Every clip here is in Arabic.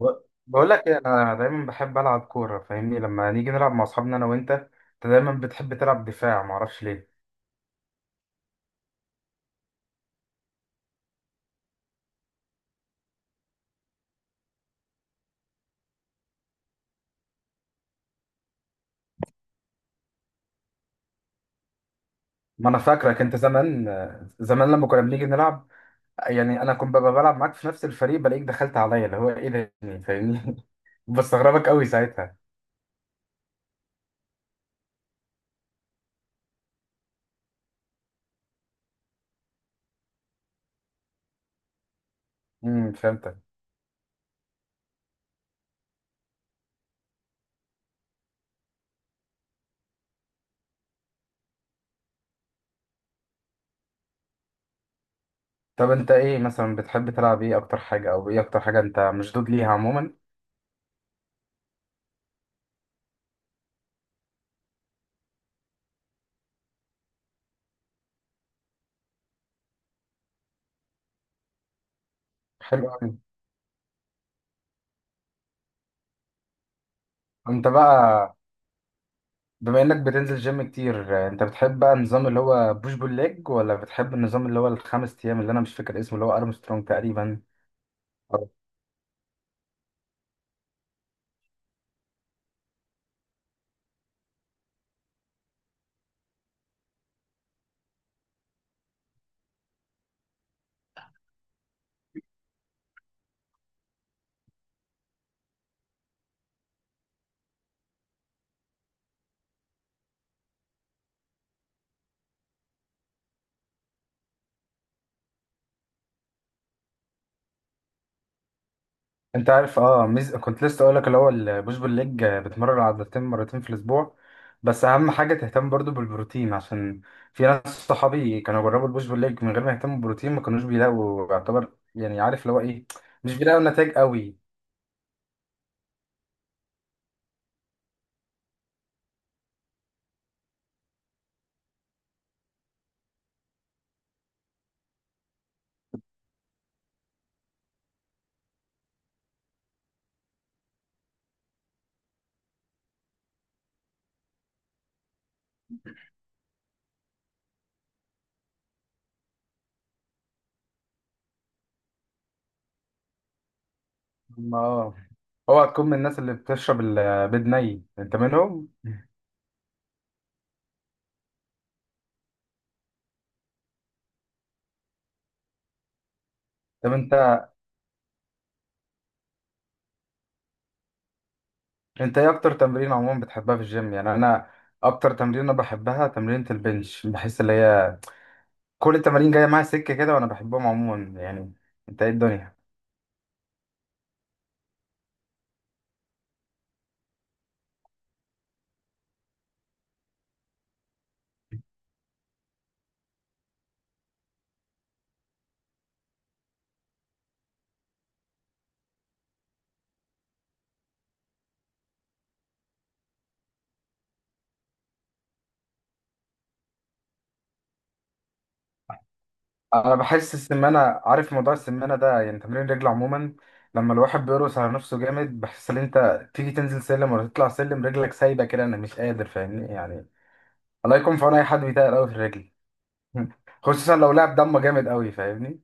ب- بقول لك ايه، انا دايما بحب العب كوره. فاهمني لما نيجي نلعب مع اصحابنا انا وانت، انت دايما بتحب تلعب دفاع، ما اعرفش ليه. ما انا فاكرك انت زمان، زمان لما كنا بنيجي نلعب، يعني انا كنت ببقى بلعب معاك في نفس الفريق، بلاقيك دخلت عليا اللي هو ايه ده يعني، فاهمني؟ بستغربك قوي ساعتها. فهمتك. طب انت ايه مثلا بتحب تلعب؟ ايه اكتر حاجه او ايه اكتر حاجه انت مشدود ليها عموما؟ حلو قوي. انت بقى، بما انك بتنزل جيم كتير آه، انت بتحب بقى النظام اللي هو بوش بول ليج، ولا بتحب النظام اللي هو الخمس ايام اللي انا مش فاكر اسمه، اللي هو ارمسترونج تقريبا؟ أه. انت عارف ميز... كنت لسه اقول لك اللي هو البوش بول ليج آه، بتمرن عضلتين مرتين في الاسبوع، بس اهم حاجه تهتم برضو بالبروتين، عشان في ناس صحابي كانوا جربوا البوش بول ليج من غير ما يهتموا بالبروتين، ما كانوش بيلاقوا يعتبر، يعني عارف اللي هو ايه، مش بيلاقوا نتائج قوي. ما اه اوعى تكون من الناس اللي بتشرب البيض ني، انت منهم؟ طب انت، انت ايه اكتر تمرين عموما بتحبها في الجيم؟ يعني انا اكتر تمرين انا بحبها تمرينة البنش، بحس اللي هي كل التمارين جايه معايا سكه كده، وانا بحبهم عموما يعني. انت ايه الدنيا؟ انا بحس السمانه، عارف موضوع السمانه ده، يعني تمرين رجل عموما لما الواحد بيرقص على نفسه جامد، بحس ان انت تيجي تنزل سلم ولا تطلع سلم رجلك سايبه كده، انا مش قادر فاهمني يعني. الله يكون في عون اي حد بيتقل قوي في الرجل. خصوصا لو لعب دم جامد قوي، فاهمني؟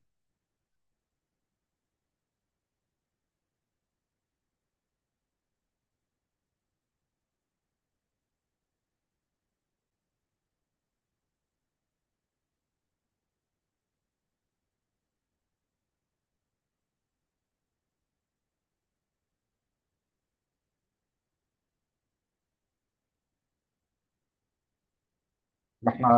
ما احنا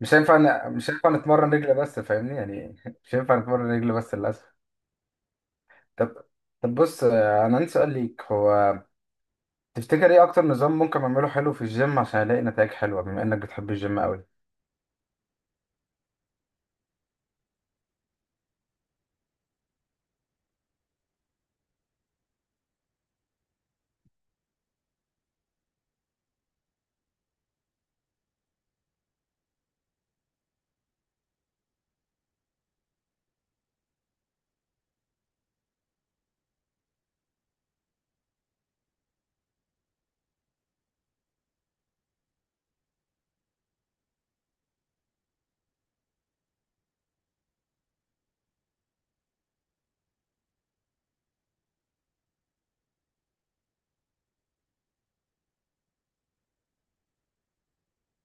مش هينفع ن... مش هينفع نتمرن رجل بس فاهمني يعني. مش هينفع نتمرن رجل بس للأسف. طب، طب بص آه، أنا عندي سؤال ليك، هو تفتكر إيه أكتر نظام ممكن أعمله حلو في الجيم عشان ألاقي نتائج حلوة، بما إنك بتحب الجيم أوي؟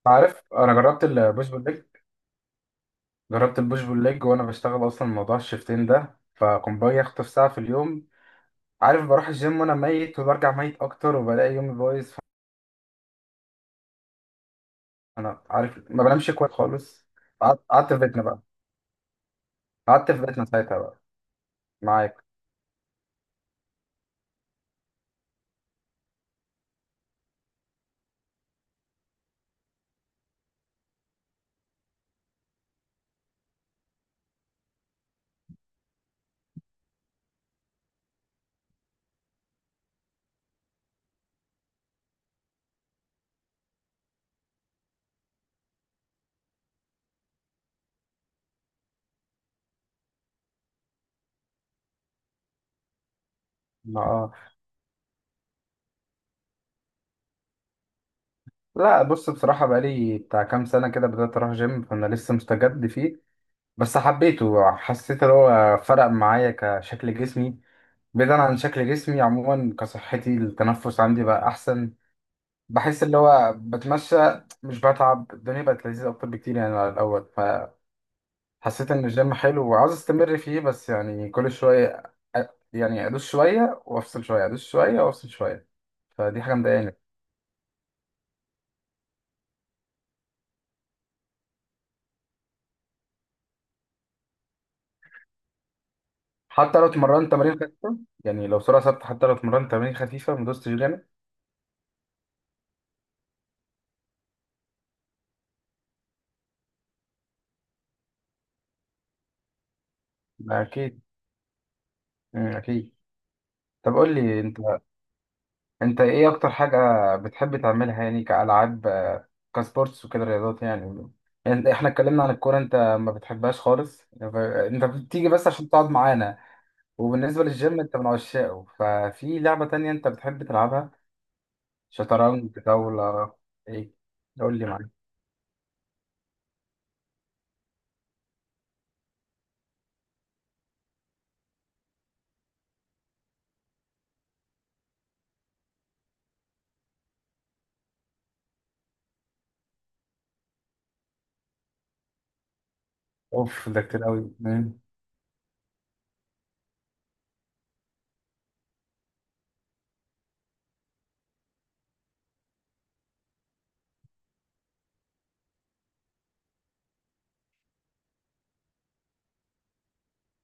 عارف أنا جربت البوش بول ليج، جربت البوش بول ليج وأنا بشتغل أصلا موضوع الشيفتين ده، فكنت باجي أخطف ساعة في اليوم. عارف، بروح الجيم وأنا ميت وبرجع ميت أكتر، وبلاقي يومي بايظ. أنا عارف ما بنامش كويس خالص. قعدت في بيتنا بقى، قعدت في بيتنا ساعتها بقى. معاك. ما اه لا بص، بصراحة بقالي بتاع كام سنة كده بدأت أروح جيم، فأنا لسه مستجد فيه. بس حبيته، حسيت إن هو فرق معايا كشكل جسمي. بعيدا عن شكل جسمي عموما، كصحتي التنفس عندي بقى أحسن. بحس اللي هو بتمشى مش بتعب، الدنيا بقت لذيذة أكتر بكتير يعني على الأول. فحسيت إن الجيم حلو وعاوز أستمر فيه، بس يعني كل شوية أ- يعني أدوس شوية وأفصل شوية، أدوس شوية وأفصل شوية. فدي حاجة مضايقاني. حتى لو اتمرنت تمارين خفيفة، يعني لو سرعة ثابتة حتى لو اتمرنت تمارين خفيفة ما دوستش جامد. ده أكيد. مم، أكيد. طب قول لي أنت، أنت إيه أكتر حاجة بتحب تعملها، يعني كألعاب آه، كسبورتس وكده، رياضات يعني؟ يعني إحنا اتكلمنا عن الكورة أنت ما بتحبهاش خالص، ف- أنت بتيجي بس عشان تقعد معانا. وبالنسبة للجيم أنت من عشاقه، ففي لعبة تانية أنت بتحب تلعبها؟ شطرنج، طاولة، إيه؟ قول لي، معاك. أوف، ده كتير أوي.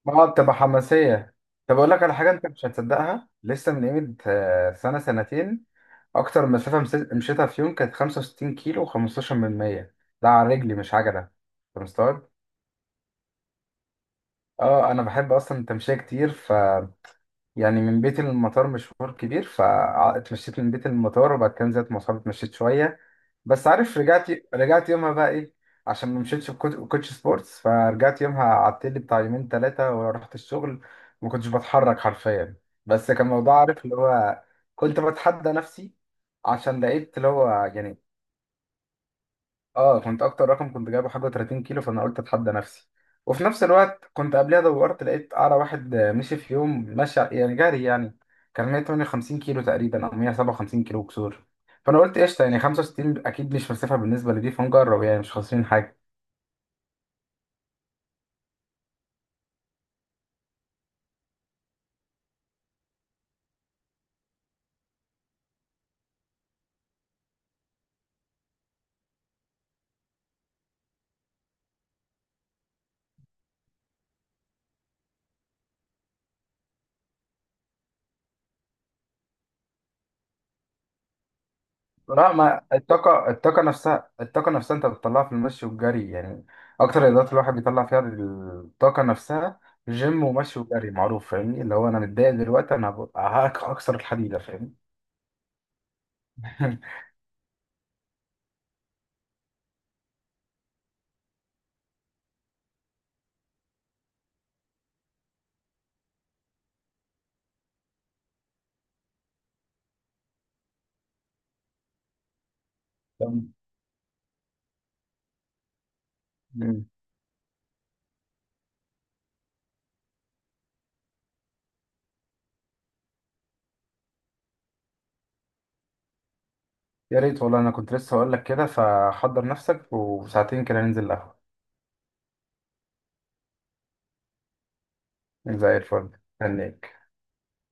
اه بتبقى حماسية. طب أقول لك على حاجة أنت مش هتصدقها، لسه من قيمة آه، سنة سنتين أكتر مسافة مس- مشيتها في يوم كانت 65 كيلو و15 من 100. ده على رجلي مش عجلة، أنت مستوعب؟ اه أنا بحب أصلا التمشية كتير، يعني من بيتي للمطار مشوار كبير، فاتمشيت من بيتي للمطار، وبعد كده نزلت مواصلات اتمشيت شوية. بس عارف، رجعت، رجعت يومها بقى ايه، عشان ما مشيتش بكوت- بكوتش سبورتس، فرجعت يومها قعدت لي بتاع يومين ثلاثة ورحت الشغل، ما كنتش بتحرك حرفيا. بس كان موضوع، عارف اللي هو كنت بتحدى نفسي، عشان لقيت اللي هو يعني، اه كنت اكتر رقم كنت جايبه حاجه 30 كيلو، فانا قلت اتحدى نفسي. وفي نفس الوقت كنت قبلها دورت، لقيت اعلى واحد آه، مشي في يوم، مشى يعني جري يعني، كان 158 كيلو تقريبا او 157 كيلو كسور. فانا قلت قشطه، يعني 65 اكيد مش مسافه بالنسبه لدي، فنجرب يعني مش خاسرين حاجه. بالظبط. لا ما الطاقه، الطاقه نفسها، الطاقه نفسها انت بتطلعها في المشي والجري يعني، اكتر الرياضات الواحد بيطلع فيها الطاقه نفسها جيم ومشي وجري، معروف. فاهمني اللي هو انا متضايق دلوقتي، انا هبقى هكسر الحديده، فاهمني؟ تمام. مم. يا ريت والله، انا كنت لسه هقول لك كده، فحضر نفسك وساعتين كده ننزل القهوة. زي الفل. هنيك.